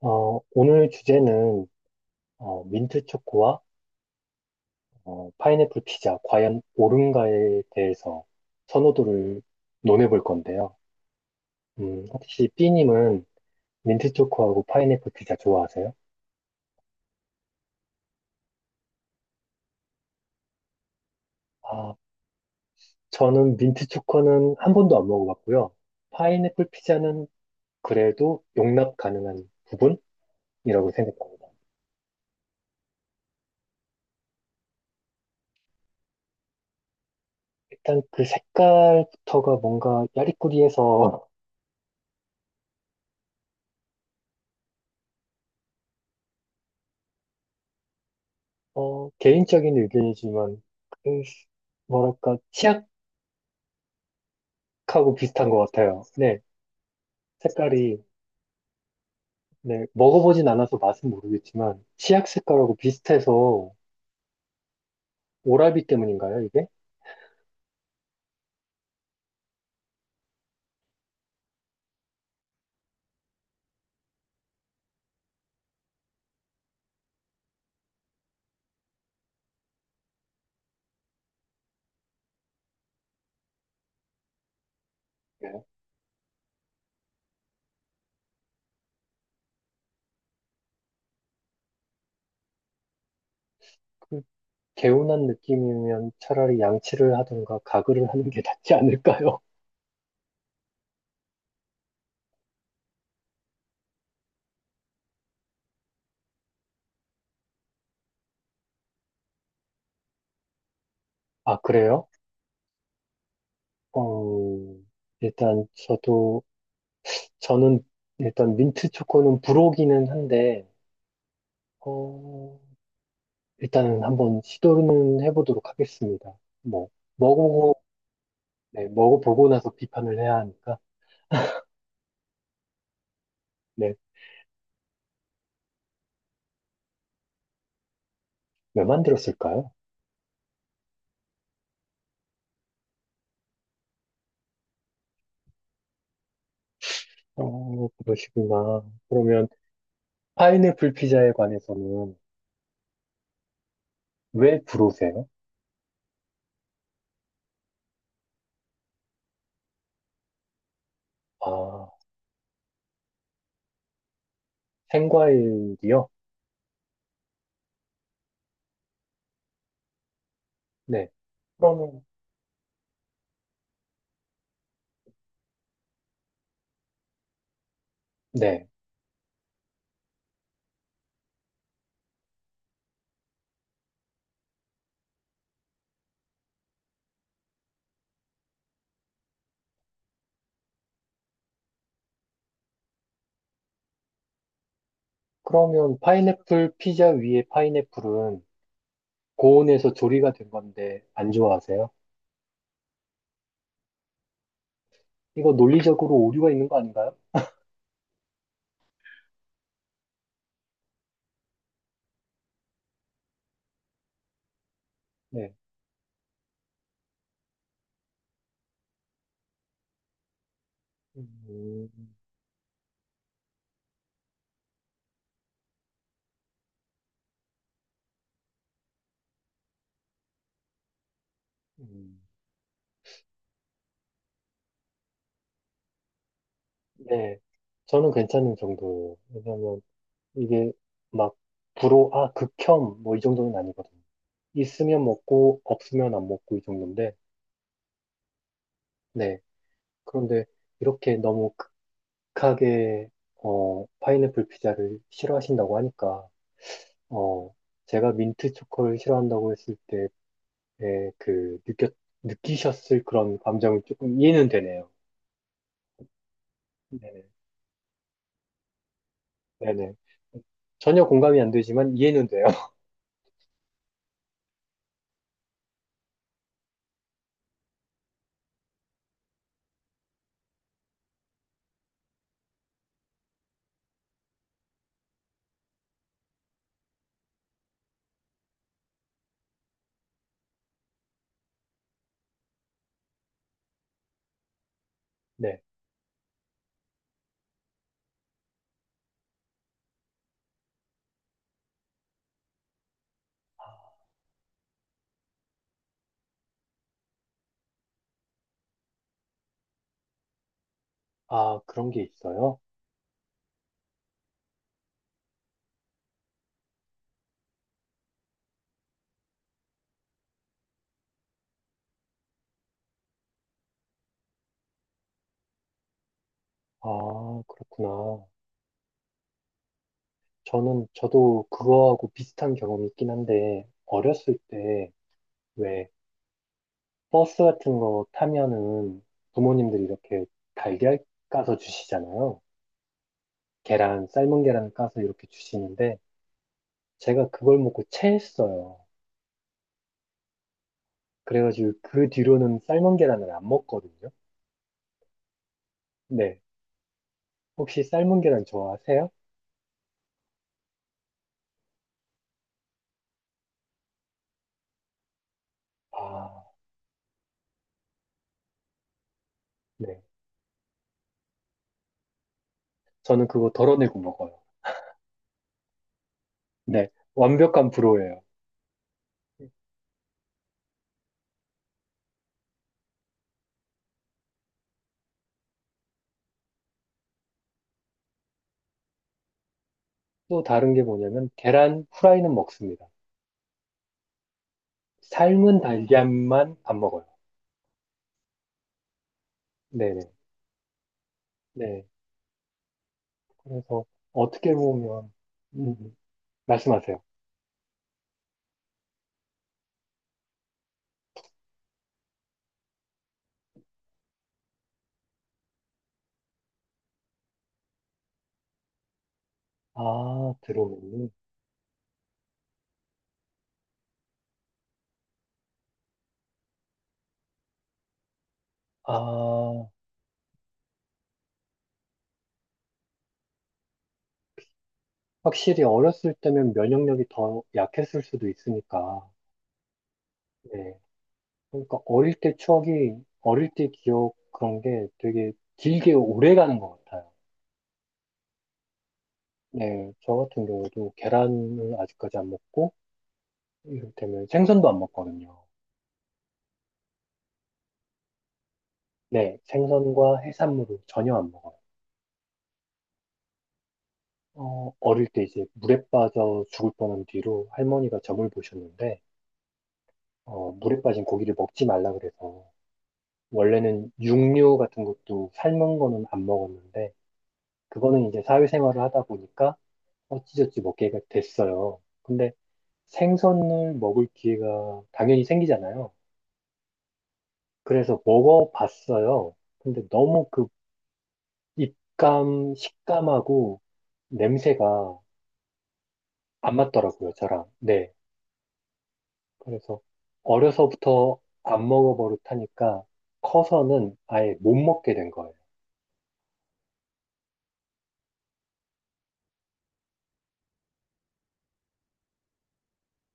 오늘 주제는 민트 초코와 파인애플 피자, 과연 옳은가에 대해서 선호도를 논해볼 건데요. 혹시 B님은 민트 초코하고 파인애플 피자 좋아하세요? 아, 저는 민트 초코는 한 번도 안 먹어봤고요. 파인애플 피자는 그래도 용납 가능한 부분이라고 생각합니다. 일단 그 색깔부터가 뭔가 야리꾸리해서 개인적인 의견이지만 그 뭐랄까, 치약 하고 비슷한 것 같아요. 네, 색깔이, 네, 먹어보진 않아서 맛은 모르겠지만, 치약 색깔하고 비슷해서 오라비 때문인가요, 이게? 네. 그 개운한 느낌이면 차라리 양치를 하든가 가글을 하는 게 낫지 않을까요? 아, 그래요? 어, 일단 저도, 저는 일단 민트 초코는 불호기는 한데, 어, 일단은 한번 시도는 해보도록 하겠습니다. 뭐, 먹어보고, 네, 먹어보고 나서 비판을 해야 하니까. 네. 왜 만들었을까요? 그러시구나. 그러면 파인애플 피자에 관해서는 왜 부르세요? 아, 생과일이요? 네. 그러면, 네. 그러면 파인애플 피자 위에 파인애플은 고온에서 조리가 된 건데 안 좋아하세요? 이거 논리적으로 오류가 있는 거 아닌가요? 네. 음, 음. 네. 저는 괜찮은 정도예요. 왜냐면 이게 막 불호, 아, 극혐, 뭐 이 정도는 아니거든요. 있으면 먹고 없으면 안 먹고 이 정도인데 네. 그런데 이렇게 너무 극하게 파인애플 피자를 싫어하신다고 하니까 어 제가 민트 초코를 싫어한다고 했을 때의 그 느꼈 느끼셨을 그런 감정이 조금 이해는 되네요. 네네. 네네. 전혀 공감이 안 되지만 이해는 돼요. 네. 아, 그런 게 있어요? 아, 그렇구나. 저는, 저도 그거하고 비슷한 경험이 있긴 한데, 어렸을 때, 왜, 버스 같은 거 타면은 부모님들이 이렇게 달걀 까서 주시잖아요. 계란, 삶은 계란을 까서 이렇게 주시는데 제가 그걸 먹고 체했어요. 그래가지고 그 뒤로는 삶은 계란을 안 먹거든요. 네. 혹시 삶은 계란 좋아하세요? 아, 네. 저는 그거 덜어내고 먹어요. 네. 완벽한 프로예요. 또 다른 게 뭐냐면 계란 후라이는 먹습니다. 삶은 달걀만 안 먹어요. 네네. 네. 그래서 어떻게 보면 음, 음. 말씀하세요. 아, 들어오니. 아, 확실히 어렸을 때면 면역력이 더 약했을 수도 있으니까. 네. 그러니까 어릴 때 추억이, 어릴 때 기억 그런 게 되게 길게 오래 가는 것 같아요. 네. 저 같은 경우도 계란을 아직까지 안 먹고, 이를테면 생선도 안 먹거든요. 네. 생선과 해산물을 전혀 안 먹어요. 어릴 때 이제 물에 빠져 죽을 뻔한 뒤로 할머니가 점을 보셨는데, 물에 빠진 고기를 먹지 말라 그래서 원래는 육류 같은 것도 삶은 거는 안 먹었는데, 그거는 이제 사회생활을 하다 보니까 어찌저찌 먹게 됐어요. 근데 생선을 먹을 기회가 당연히 생기잖아요. 그래서 먹어봤어요. 근데 너무 그 입감, 식감하고 냄새가 안 맞더라고요, 저랑. 네. 그래서 어려서부터 안 먹어버릇하니까 커서는 아예 못 먹게 된 거예요.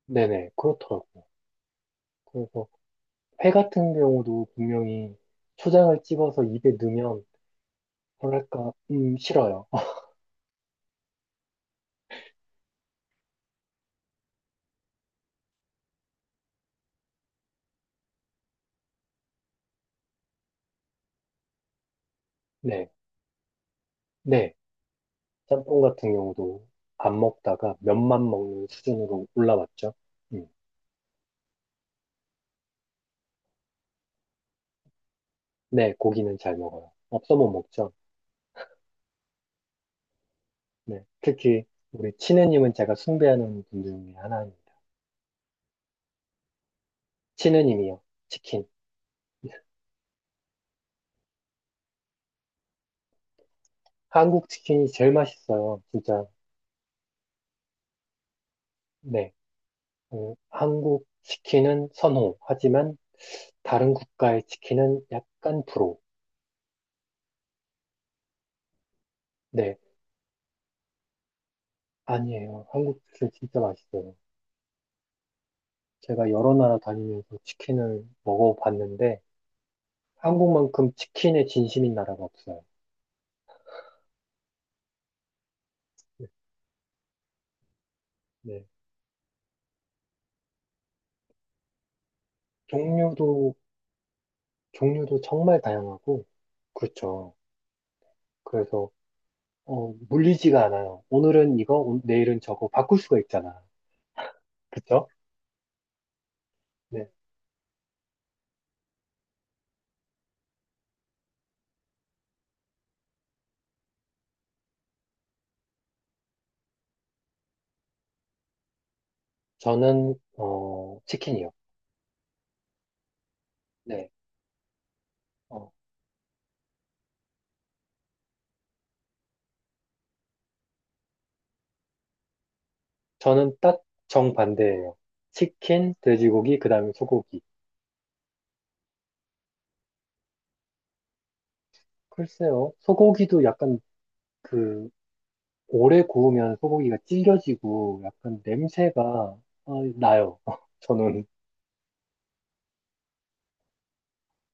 네네, 그렇더라고요. 그래서 회 같은 경우도 분명히 초장을 찍어서 입에 넣으면 뭐랄까, 싫어요. 네, 네. 짬뽕 같은 경우도 안 먹다가 면만 먹는 수준으로 올라왔죠. 음, 네, 고기는 잘 먹어요. 없어 못 먹죠. 네, 특히 우리 치느님은 제가 숭배하는 분들 중에 하나입니다. 치느님이요. 치킨. 한국 치킨이 제일 맛있어요. 진짜. 네. 한국 치킨은 선호. 하지만 다른 국가의 치킨은 약간 불호. 네. 아니에요. 한국 치킨 진짜 맛있어요. 제가 여러 나라 다니면서 치킨을 먹어봤는데 한국만큼 치킨에 진심인 나라가 없어요. 네. 네. 종류도 종류도 정말 다양하고 그렇죠. 그래서 물리지가 않아요. 오늘은 이거, 내일은 저거 바꿀 수가 있잖아. 그렇죠? 네. 저는 치킨이요. 네. 어, 저는 딱 정반대예요. 치킨, 돼지고기, 그다음에 소고기. 글쎄요. 소고기도 약간 그 오래 구우면 소고기가 질겨지고 약간 냄새가 나요. 저는.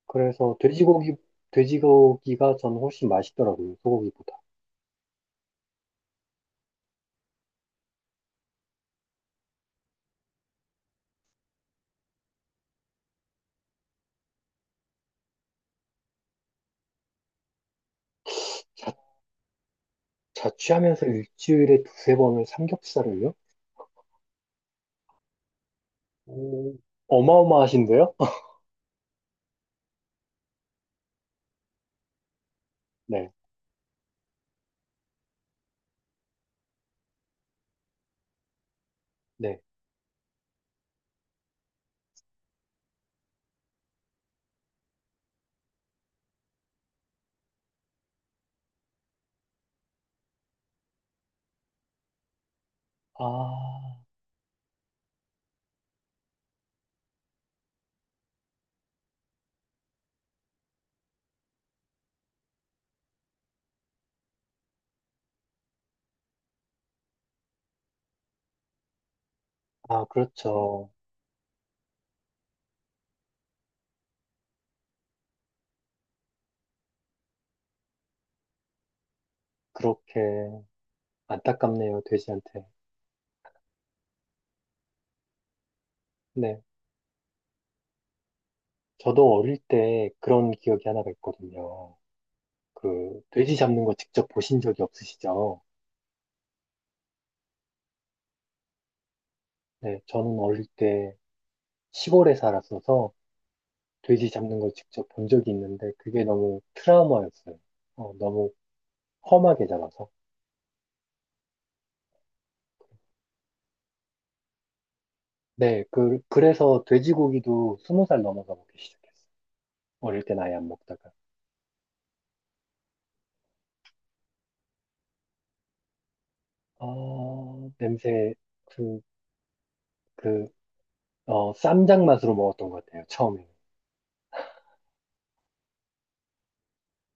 그래서 돼지고기가 저는 훨씬 맛있더라고요. 소고기보다. 자, 자취하면서 일주일에 두세 번을 삼겹살을요? 오, 어마어마하신데요? 네, 네. 아, 아, 그렇죠. 그렇게 안타깝네요, 돼지한테. 네. 저도 어릴 때 그런 기억이 하나가 있거든요. 그, 돼지 잡는 거 직접 보신 적이 없으시죠? 네, 저는 어릴 때 시골에 살았어서 돼지 잡는 걸 직접 본 적이 있는데 그게 너무 트라우마였어요. 너무 험하게 잡아서. 네, 그래서 돼지고기도 20살 넘어서 먹기 시작했어요. 어릴 땐 아예 안 먹다가. 아, 냄새, 그, 그, 쌈장 맛으로 먹었던 것 같아요, 처음에는.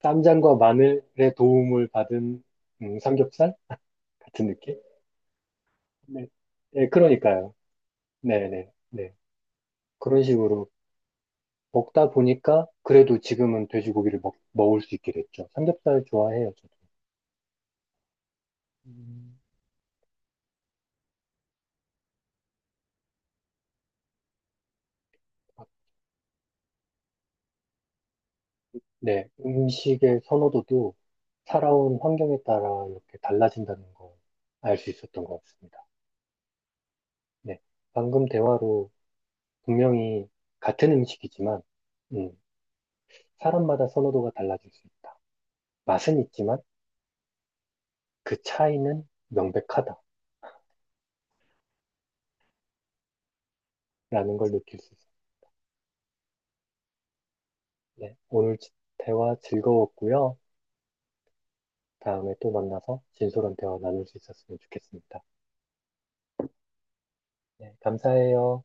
쌈장과 마늘의 도움을 받은, 삼겹살 같은 느낌? 네, 네, 그러니까요. 네네, 네. 네. 그런 식으로 먹다 보니까 그래도 지금은 돼지고기를 먹을 수 있게 됐죠. 삼겹살 좋아해요, 저도. 음, 네, 음식의 선호도도 살아온 환경에 따라 이렇게 달라진다는 걸 알 수 있었던 것 같습니다. 네, 방금 대화로 분명히 같은 음식이지만, 음, 사람마다 선호도가 달라질 수 있다. 맛은 있지만 그 차이는 명백하다라는 걸 느낄 수 있습니다. 네, 오늘 대화 즐거웠고요. 다음에 또 만나서 진솔한 대화 나눌 수 있었으면 좋겠습니다. 네, 감사해요.